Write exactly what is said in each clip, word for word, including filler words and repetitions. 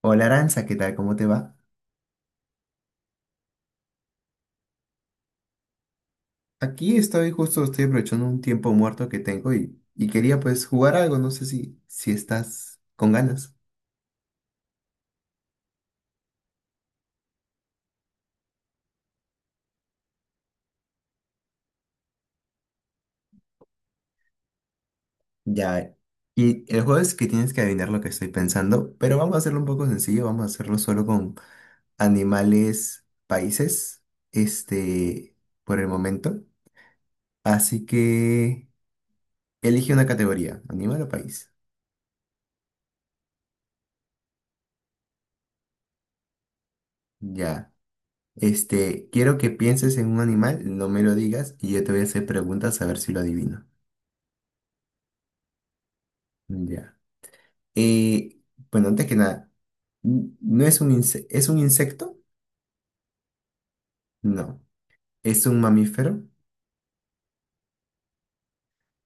Hola Aranza, ¿qué tal? ¿Cómo te va? Aquí estoy justo, estoy aprovechando un tiempo muerto que tengo y, y quería pues jugar algo, no sé si, si estás con ganas. Ya, y el juego es que tienes que adivinar lo que estoy pensando, pero vamos a hacerlo un poco sencillo, vamos a hacerlo solo con animales, países, este, por el momento. Así que elige una categoría, animal o país. Ya. Este, quiero que pienses en un animal, no me lo digas y yo te voy a hacer preguntas a ver si lo adivino. Ya. Eh, bueno, antes que nada, n- ¿no es un inse- es un insecto? No. ¿Es un mamífero?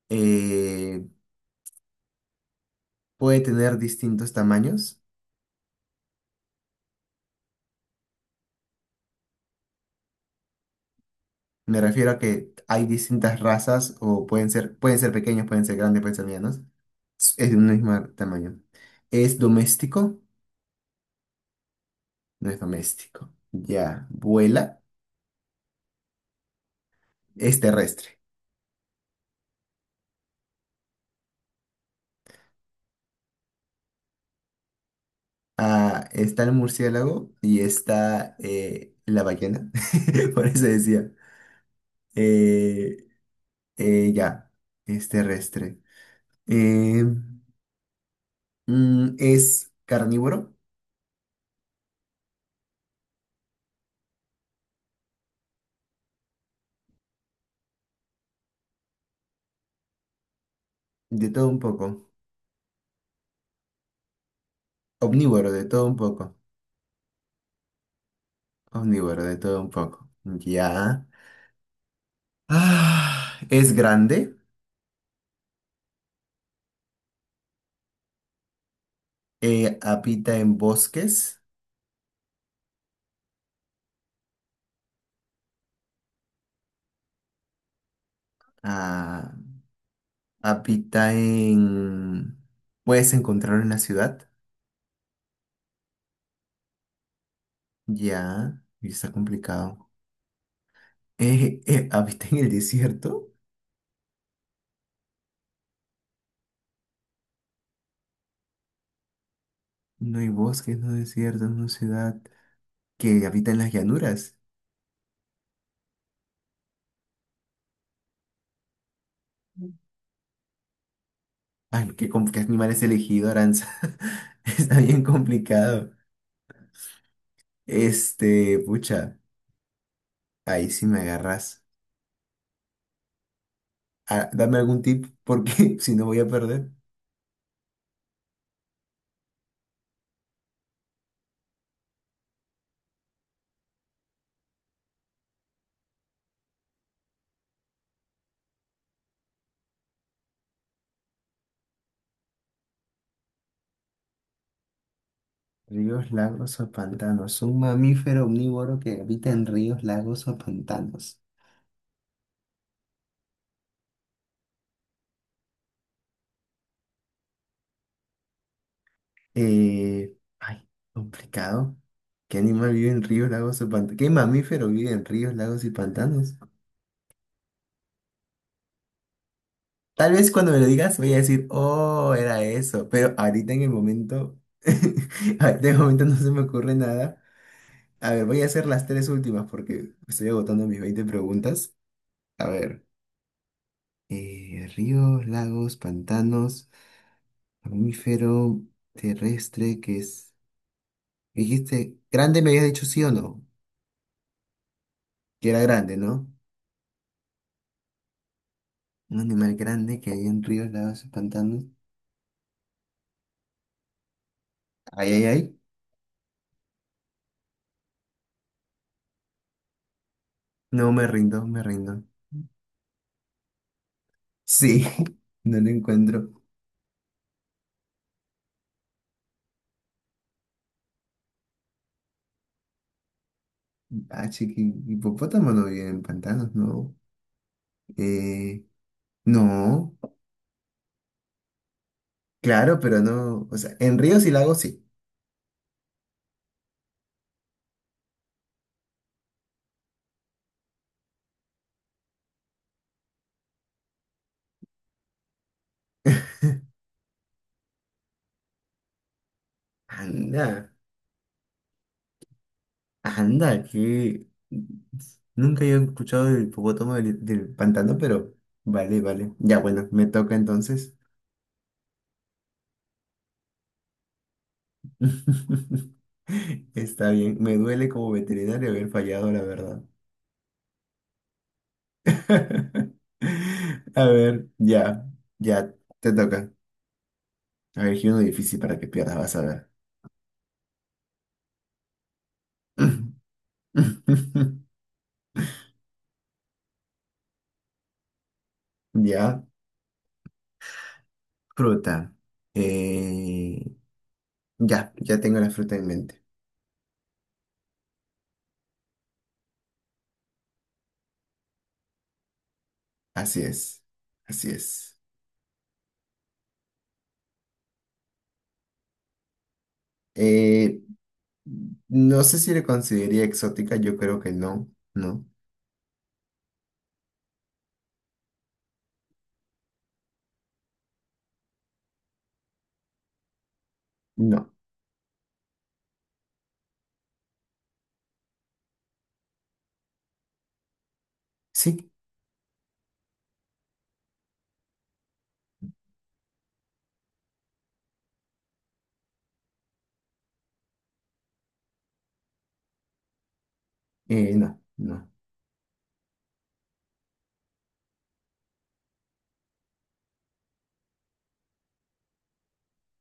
Eh, ¿puede tener distintos tamaños? Me refiero a que hay distintas razas o pueden ser, pueden ser pequeños, pueden ser grandes, pueden ser medianos. Es es de un mismo tamaño. ¿Es doméstico? No es doméstico. Ya. ¿Vuela? Es terrestre. Ah, está el murciélago y está eh, la ballena. Por eso decía. Eh, Eh, ya, es terrestre. Eh, mm, es carnívoro, de todo un poco. Omnívoro, de todo un poco. Omnívoro, de todo un poco. Ya. Ah, es grande. Eh, habita en bosques. Ah, habita en... Puedes encontrarlo en la ciudad. Ya. Y está complicado. Eh, eh, habita en el desierto. No hay bosques, no desierto, no ciudad. Que habita en las llanuras. Ay, ¿qué, com- qué animal es elegido, Aranza? Está bien complicado. Este, pucha, ahí sí me agarras. Ah, dame algún tip, porque si no voy a perder. Ríos, lagos o pantanos. Un mamífero omnívoro que habita en ríos, lagos o pantanos. Eh, ay, complicado. ¿Qué animal vive en ríos, lagos o pantanos? ¿Qué mamífero vive en ríos, lagos y pantanos? Tal vez cuando me lo digas voy a decir, oh, era eso, pero ahorita en el momento, ahorita en el momento no se me ocurre nada. A ver, voy a hacer las tres últimas porque estoy agotando mis veinte preguntas. A ver, eh, ríos, lagos, pantanos, mamífero terrestre, que es... Dijiste, grande me habías dicho sí o no, que era grande, ¿no? Un animal grande que hay en ríos, lagos, pantanos. Ay, ay, ay. No me rindo, me rindo. Sí, no lo encuentro. Ah, chiqui, hipopótamo no vive en pantanos, ¿no? Eh, no, claro, pero no. O sea, en ríos y lagos sí. Anda, anda, que. Nunca yo he escuchado del hipopótamo del, del pantano, pero vale, vale. Ya bueno, me toca entonces. Está bien, me duele como veterinario haber fallado, la verdad. A ver, ya, ya, te toca. A ver, elegí uno difícil para que pierdas, vas a ver. Ya, fruta. Eh, ya, ya tengo la fruta en mente. Así es, así es. Eh, no sé si le consideraría exótica, yo creo que no, no, no. Sí, eh, no, no.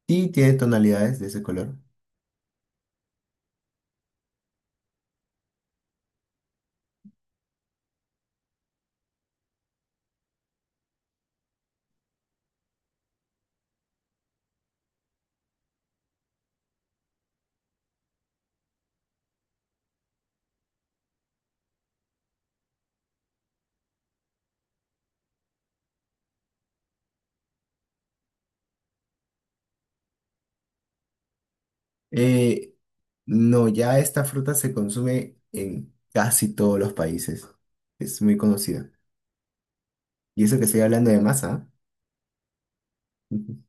Sí, tiene tonalidades de ese color. Eh, no, ya esta fruta se consume en casi todos los países. Es muy conocida. Y eso que estoy hablando de masa. ¿Ah?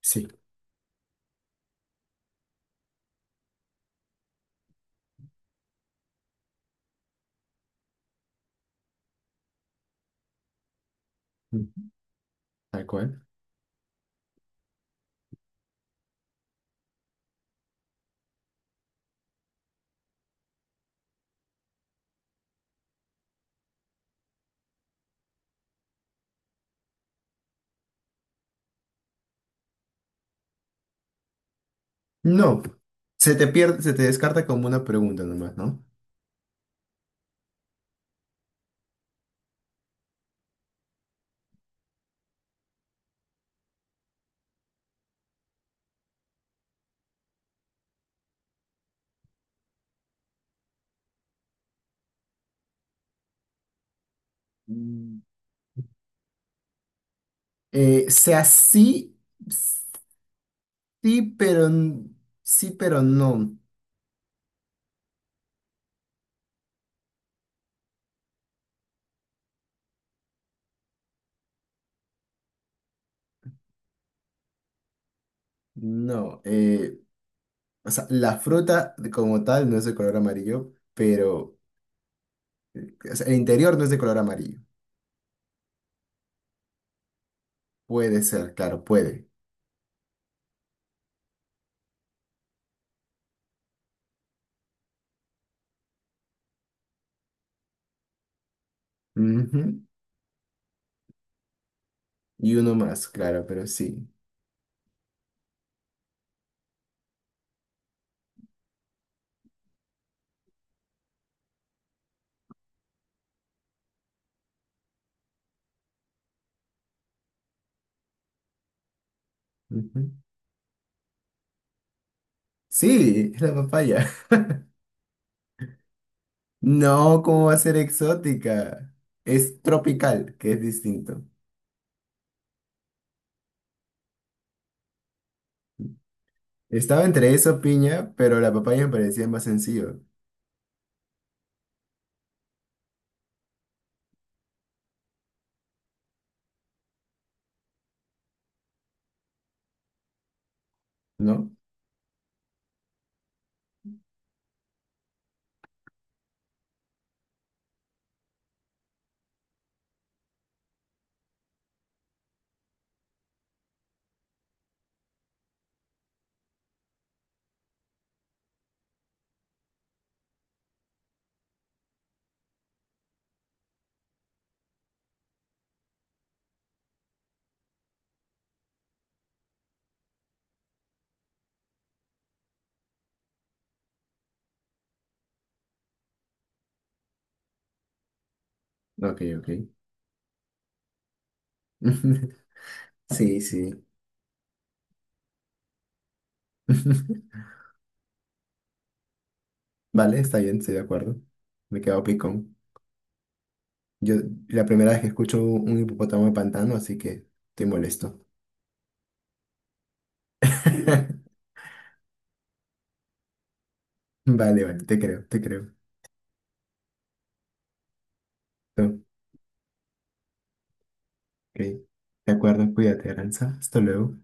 Sí, tal cual. No, se te pierde, se te descarta como una pregunta nomás, ¿no? Mm, Eh, sea sí, sí, pero n- sí, pero no. No. eh, o sea, la fruta como tal no es de color amarillo, pero o sea, el interior no es de color amarillo. Puede ser, claro, puede. Ujú. Y uno más, claro, pero sí. Ujú. Sí, es la papaya. No, ¿cómo va a ser exótica? Es tropical, que es distinto. Estaba entre eso, piña, pero la papaya me parecía más sencillo, ¿no? Ok, ok. Sí, sí. Vale, está bien, estoy de acuerdo. Me he quedado picón. Yo, la primera vez que escucho un un hipopótamo de pantano, así que estoy molesto. Vale, vale, te creo, te creo. Ok, de acuerdo, cuídate, Aranza. Hasta luego.